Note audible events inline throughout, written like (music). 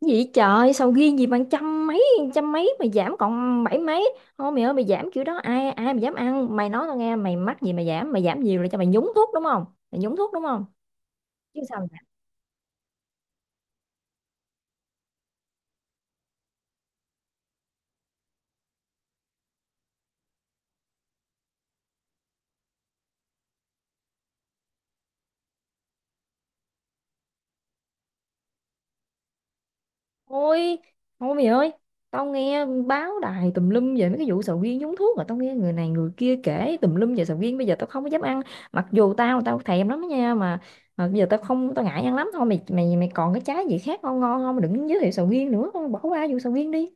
Vậy trời, sầu riêng gì bằng trăm mấy? Trăm mấy mà giảm còn bảy mấy thôi mày ơi? Mày giảm kiểu đó ai ai mà dám ăn? Mày nói tao nghe, mày mắc gì mà giảm? Mày giảm nhiều là cho mày nhúng thuốc đúng không? Mày nhúng thuốc đúng không? Chứ sao mà giảm? Thôi thôi mày ơi, tao nghe báo đài tùm lum về mấy cái vụ sầu riêng nhúng thuốc rồi, tao nghe người này người kia kể tùm lum về sầu riêng, bây giờ tao không có dám ăn. Mặc dù tao tao thèm lắm đó nha mà, bây giờ tao không, tao ngại ăn lắm. Thôi mày, mày còn cái trái gì khác ngon ngon không? Đừng giới thiệu sầu riêng nữa, bỏ qua vụ sầu riêng đi.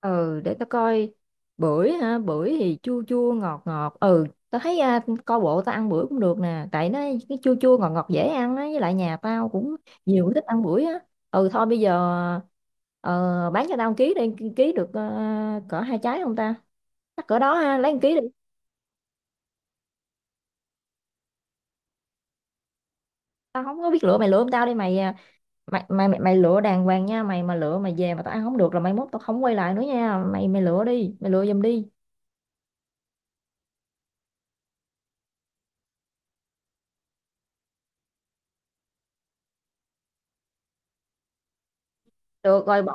Ừ, để tao coi. Bưởi hả? Bưởi thì chua chua ngọt ngọt. Ừ, tao thấy coi bộ tao ăn bưởi cũng được nè, tại nó cái chua chua ngọt ngọt dễ ăn á, với lại nhà tao cũng nhiều người thích ăn bưởi á. Ừ thôi, bây giờ ờ, bán cho tao 1 ký đi, ký được cỡ 2 trái không ta? Chắc cỡ đó ha, lấy 1 ký đi. Tao không có biết lựa, mày lựa không tao đi mày mày lựa đàng hoàng nha mày, mà lựa mày về mà tao ăn không được là mai mốt tao không quay lại nữa nha mày. Mày lựa đi, mày lựa giùm đi. Được rồi, bỏ.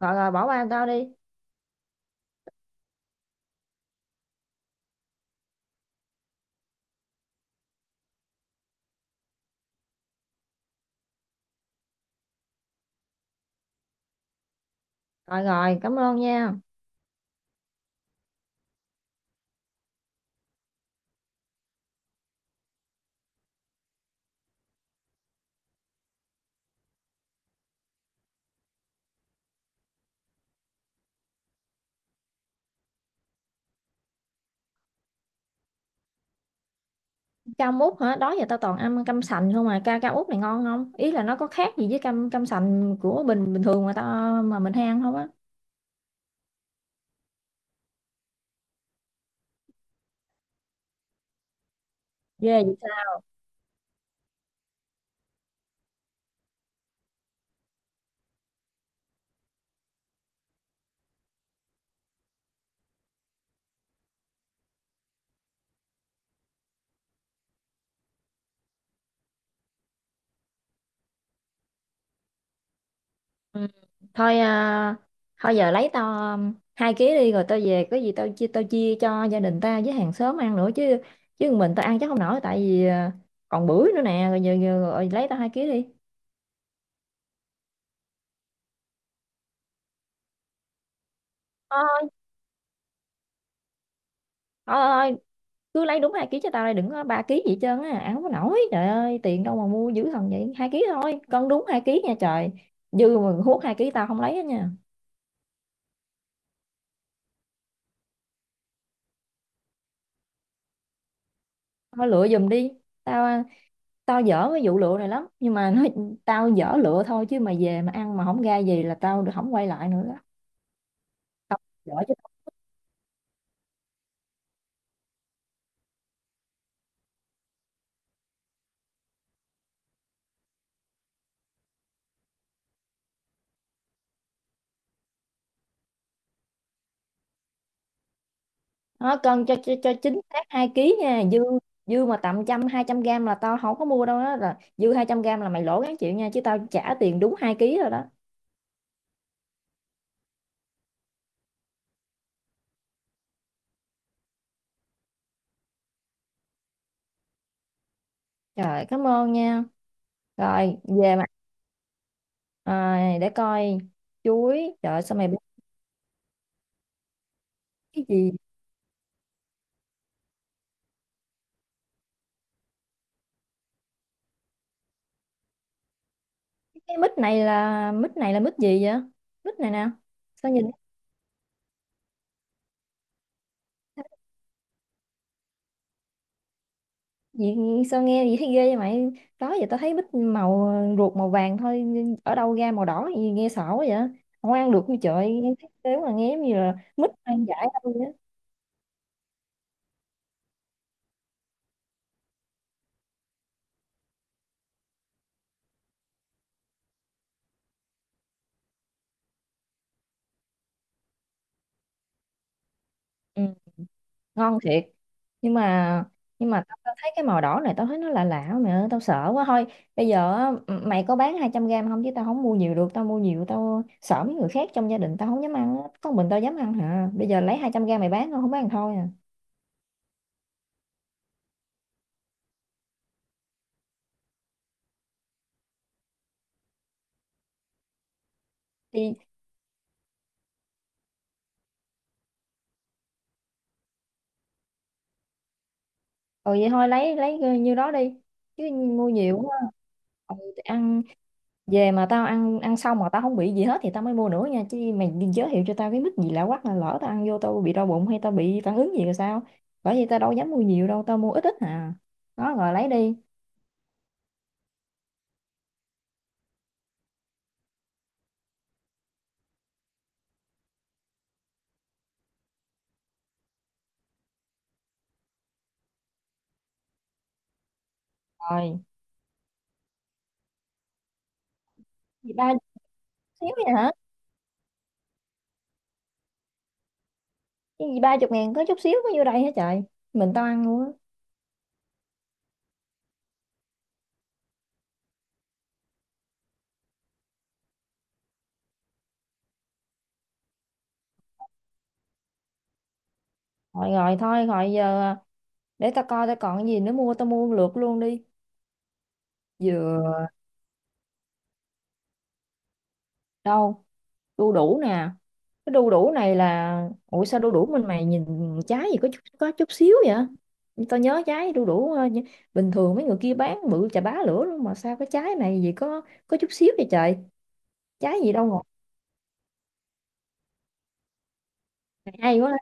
Rồi rồi bỏ qua tao đi. Rồi rồi, cảm ơn nha. Cam út hả? Đó giờ tao toàn ăn cam sành không, mà ca cam út này ngon không? Ý là nó có khác gì với cam cam sành của bình bình thường mà tao, mà mình hay ăn không á? Ghê vậy sao? Ừ. Thôi thôi giờ lấy tao 2 ký đi, rồi tao về có gì tao chia, tao chia cho gia đình ta với hàng xóm ăn nữa chứ, chứ mình tao ăn chắc không nổi, tại vì còn bưởi nữa nè. Rồi giờ, rồi lấy tao 2 ký đi. Thôi, thôi, cứ lấy đúng 2 ký cho tao đây, đừng có 3 ký gì hết trơn á, áo không có nổi, trời ơi, tiền đâu mà mua dữ thần vậy? 2 ký thôi, cân đúng 2 ký nha trời, dư mà hút 2 ký tao không lấy hết nha. Thôi lựa giùm đi, tao tao dở cái vụ lựa này lắm, nhưng mà nói, (laughs) tao dở lựa thôi, chứ mà về mà ăn mà không ra gì là tao không quay lại nữa đó. Tao dở chứ. Nó cân cho chính xác 2 ký nha, dư, dư mà tầm trăm hai trăm gram là tao không có mua đâu đó, là dư 200 gram là mày lỗ gắng chịu nha, chứ tao trả tiền đúng 2 ký rồi đó. Trời, cảm ơn nha. Rồi về mà. À, để coi. Chuối, trời ơi, sao mày biết? Cái gì? Cái mít này là mít gì vậy? Mít này nè. Sao nhìn gì? Sao nghe gì thấy ghê vậy mày? Đó giờ tao thấy mít màu, ruột màu vàng thôi, nhưng ở đâu ra màu đỏ gì nghe sợ quá vậy? Không ăn được như trời, nghe thấy thế mà nghe giống như là mít ăn dại đâu vậy. Ừ, ngon thiệt, nhưng mà, nhưng mà tao tao thấy cái màu đỏ này tao thấy nó lạ lạ, mẹ ơi tao sợ quá. Thôi bây giờ á, mày có bán 200 gram không chứ tao không mua nhiều được, tao mua nhiều tao sợ mấy người khác trong gia đình tao không dám ăn á. Có mình tao dám ăn hả, bây giờ lấy 200 gram mày bán không, không bán thôi à? Thì ừ, vậy thôi lấy như đó đi, chứ mua nhiều quá. Ừ, ăn, về mà tao ăn, ăn xong mà tao không bị gì hết thì tao mới mua nữa nha, chứ mày giới thiệu cho tao cái mức gì lạ quắc, là lỡ tao ăn vô tao bị đau bụng hay tao bị phản ứng gì rồi sao? Bởi vì tao đâu dám mua nhiều đâu, tao mua ít ít à. Đó, rồi lấy đi. Rồi, gì ba chút xíu vậy hả? Cái gì 30.000 có chút xíu có vô đây hả trời? Mình tao ăn luôn á. Rồi rồi, thôi rồi giờ, để tao coi tao còn cái gì nữa mua, tao mua lượt luôn đi. Vừa, đâu, đu đủ nè. Cái đu đủ này là, ủa sao đu đủ mình mày nhìn trái gì có chút xíu vậy? Tao nhớ trái đu đủ bình thường mấy người kia bán bự chà bá lửa luôn, mà sao cái trái này gì có chút xíu vậy trời? Trái gì đâu ngọt. Mày hay quá.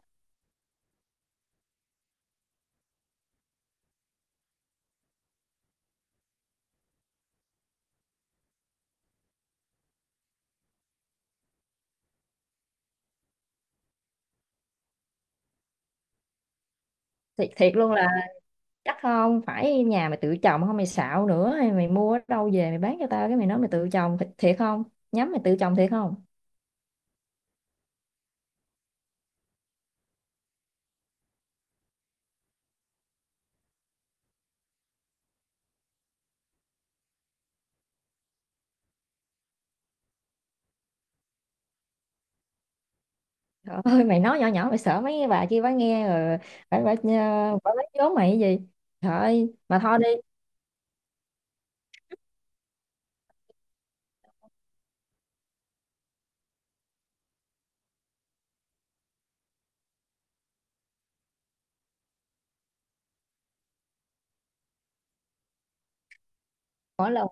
Thiệt luôn là, chắc không phải nhà mày tự trồng, không mày xạo nữa, hay mày mua ở đâu về mày bán cho tao, cái mày nói mày tự trồng thiệt, thiệt không? Nhắm mày tự trồng thiệt không? Trời (laughs) ơi, mày nói nhỏ nhỏ, mày sợ mấy cái bà kia bà nghe rồi. Phải phải phải, phải, phải, mày cái gì? Trời ơi, mà thôi đi. Mỗi lần,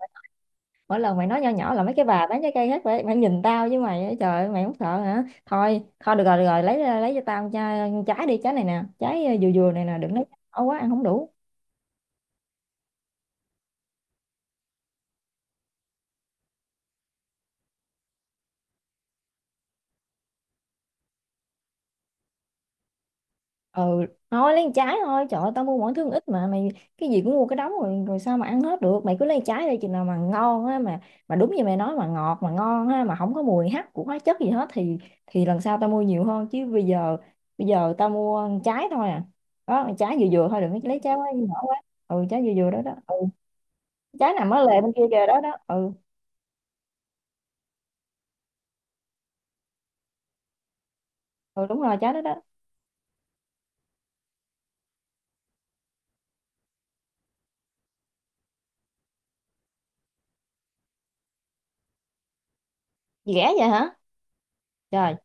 mỗi lần mày nói nho nhỏ là mấy cái bà bán trái cây hết, phải mày nhìn tao với mày á, trời ơi, mày không sợ hả? Thôi thôi, được rồi được rồi, lấy cho tao chai, trái đi, trái này nè, trái vừa vừa này nè, đừng lấy quá ăn không đủ. Ừ, thôi lấy trái thôi, trời ơi, tao mua mỗi thứ ít mà mày cái gì cũng mua cái đống rồi, rồi sao mà ăn hết được? Mày cứ lấy trái đây, chừng nào mà ngon á, mà đúng như mày nói mà ngọt mà ngon ha, mà không có mùi hắc của hóa chất gì hết thì lần sau tao mua nhiều hơn, chứ bây giờ, bây giờ tao mua trái thôi à. Đó, trái vừa vừa thôi, đừng có lấy trái quá nhỏ quá. Ừ, trái vừa vừa đó đó ừ. Trái nằm ở lề bên kia kìa, đó đó ừ. Ừ đúng rồi, trái đó đó. Gì rẻ vậy hả? Trời.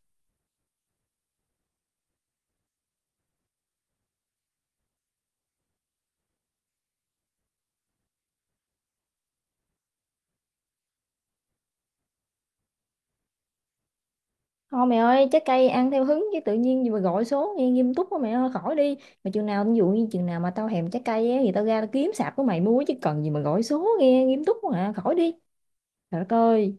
Thôi mẹ ơi, trái cây ăn theo hứng, chứ tự nhiên gì mà gọi số nghe nghiêm túc quá mẹ ơi, khỏi đi. Mà chừng nào, ví dụ như chừng nào mà tao thèm trái cây á, thì tao ra tao kiếm sạp của mày mua, chứ cần gì mà gọi số nghe nghiêm túc quá khỏi đi. Trời đất ơi,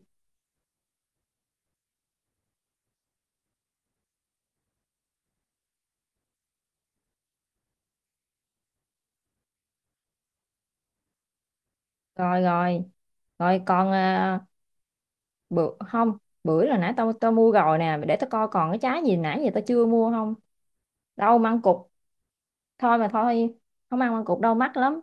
rồi rồi. Rồi còn à, bữa không, bữa là nãy tao tao mua rồi nè, để tao coi còn cái trái gì nãy giờ tao chưa mua không? Đâu, măng cụt, thôi mà thôi, không ăn măng cụt đau mắt lắm.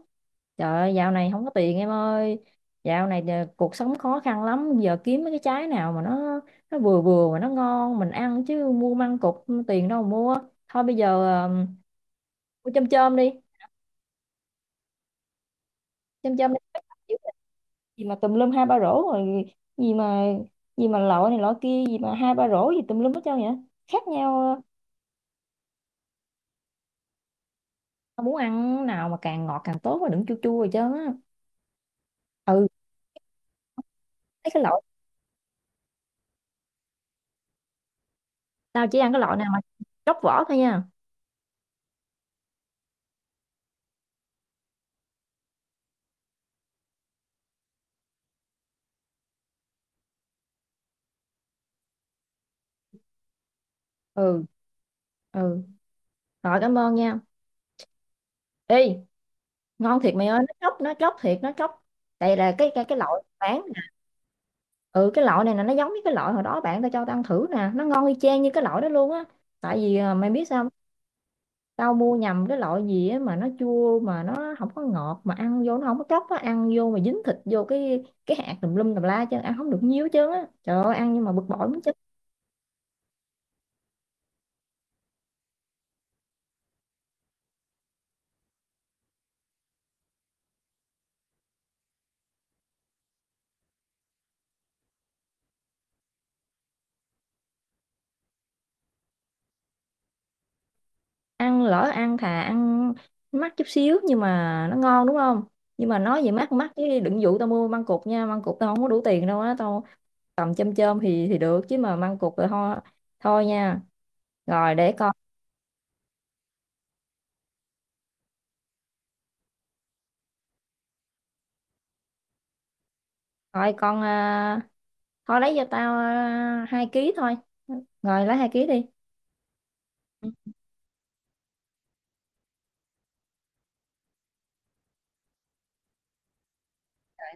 Trời ơi, dạo này không có tiền em ơi, dạo này cuộc sống khó khăn lắm, giờ kiếm mấy cái trái nào mà nó vừa vừa mà nó ngon mình ăn, chứ mua măng cụt tiền đâu mà mua. Thôi bây giờ ờ, mua chôm chôm đi, chôm chôm đi. Gì mà tùm lum hai ba rổ rồi? Gì mà, gì mà lọ này lọ kia gì mà hai ba rổ gì tùm lum hết trơn vậy? Khác nhau. Ờ, Muốn ăn nào mà càng ngọt càng tốt, mà đừng chua chua rồi chứ. Ừ, thấy cái loại, tao chỉ ăn cái loại nào mà tróc vỏ thôi nha. Ừ. Ừ rồi, cảm ơn nha. Ê, ngon thiệt mày ơi, nó chóc, nó chóc thiệt, nó chóc. Đây là cái cái loại bán nè. Ừ, cái loại này là nó giống với cái loại hồi đó bạn tao cho tao ăn thử nè, nó ngon y chang như cái loại đó luôn á. Tại vì mày biết sao không? Tao mua nhầm cái loại gì á mà nó chua mà nó không có ngọt, mà ăn vô nó không có chóc á, ăn vô mà dính thịt vô cái hạt tùm lum tùm la, chứ ăn không được nhiều chứ á, trời ơi, ăn nhưng mà bực bội muốn chết. Ăn lỡ ăn, thà ăn mắc chút xíu nhưng mà nó ngon đúng không? Nhưng mà nói về mắc mắc chứ đừng dụ tao mua măng cụt nha, măng cụt tao không có đủ tiền đâu á tao, tầm chôm chôm thì được, chứ mà măng cụt là thôi, thôi nha. Rồi để con coi, con thôi lấy cho tao 2 ký thôi. Rồi lấy 2 ký đi. Ừ,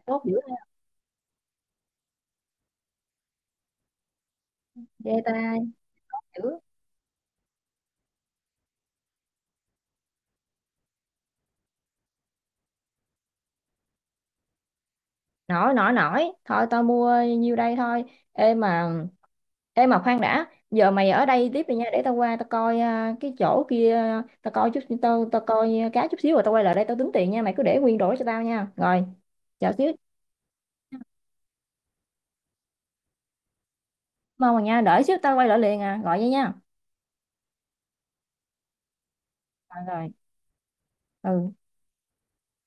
tốt dữ ha. Ghê ta, dữ. Nổi nổi nổi, thôi tao mua nhiêu đây thôi. Ê mà, ê mà khoan đã, giờ mày ở đây tiếp đi nha, để tao qua tao coi cái chỗ kia. Tao coi chút, tao tao coi cá chút xíu rồi tao quay lại đây tao tính tiền nha, mày cứ để nguyên đổi cho tao nha rồi. Chờ xíu, mong mà nha, đợi xíu tao quay lại liền à, gọi vậy nha. Rồi rồi ừ.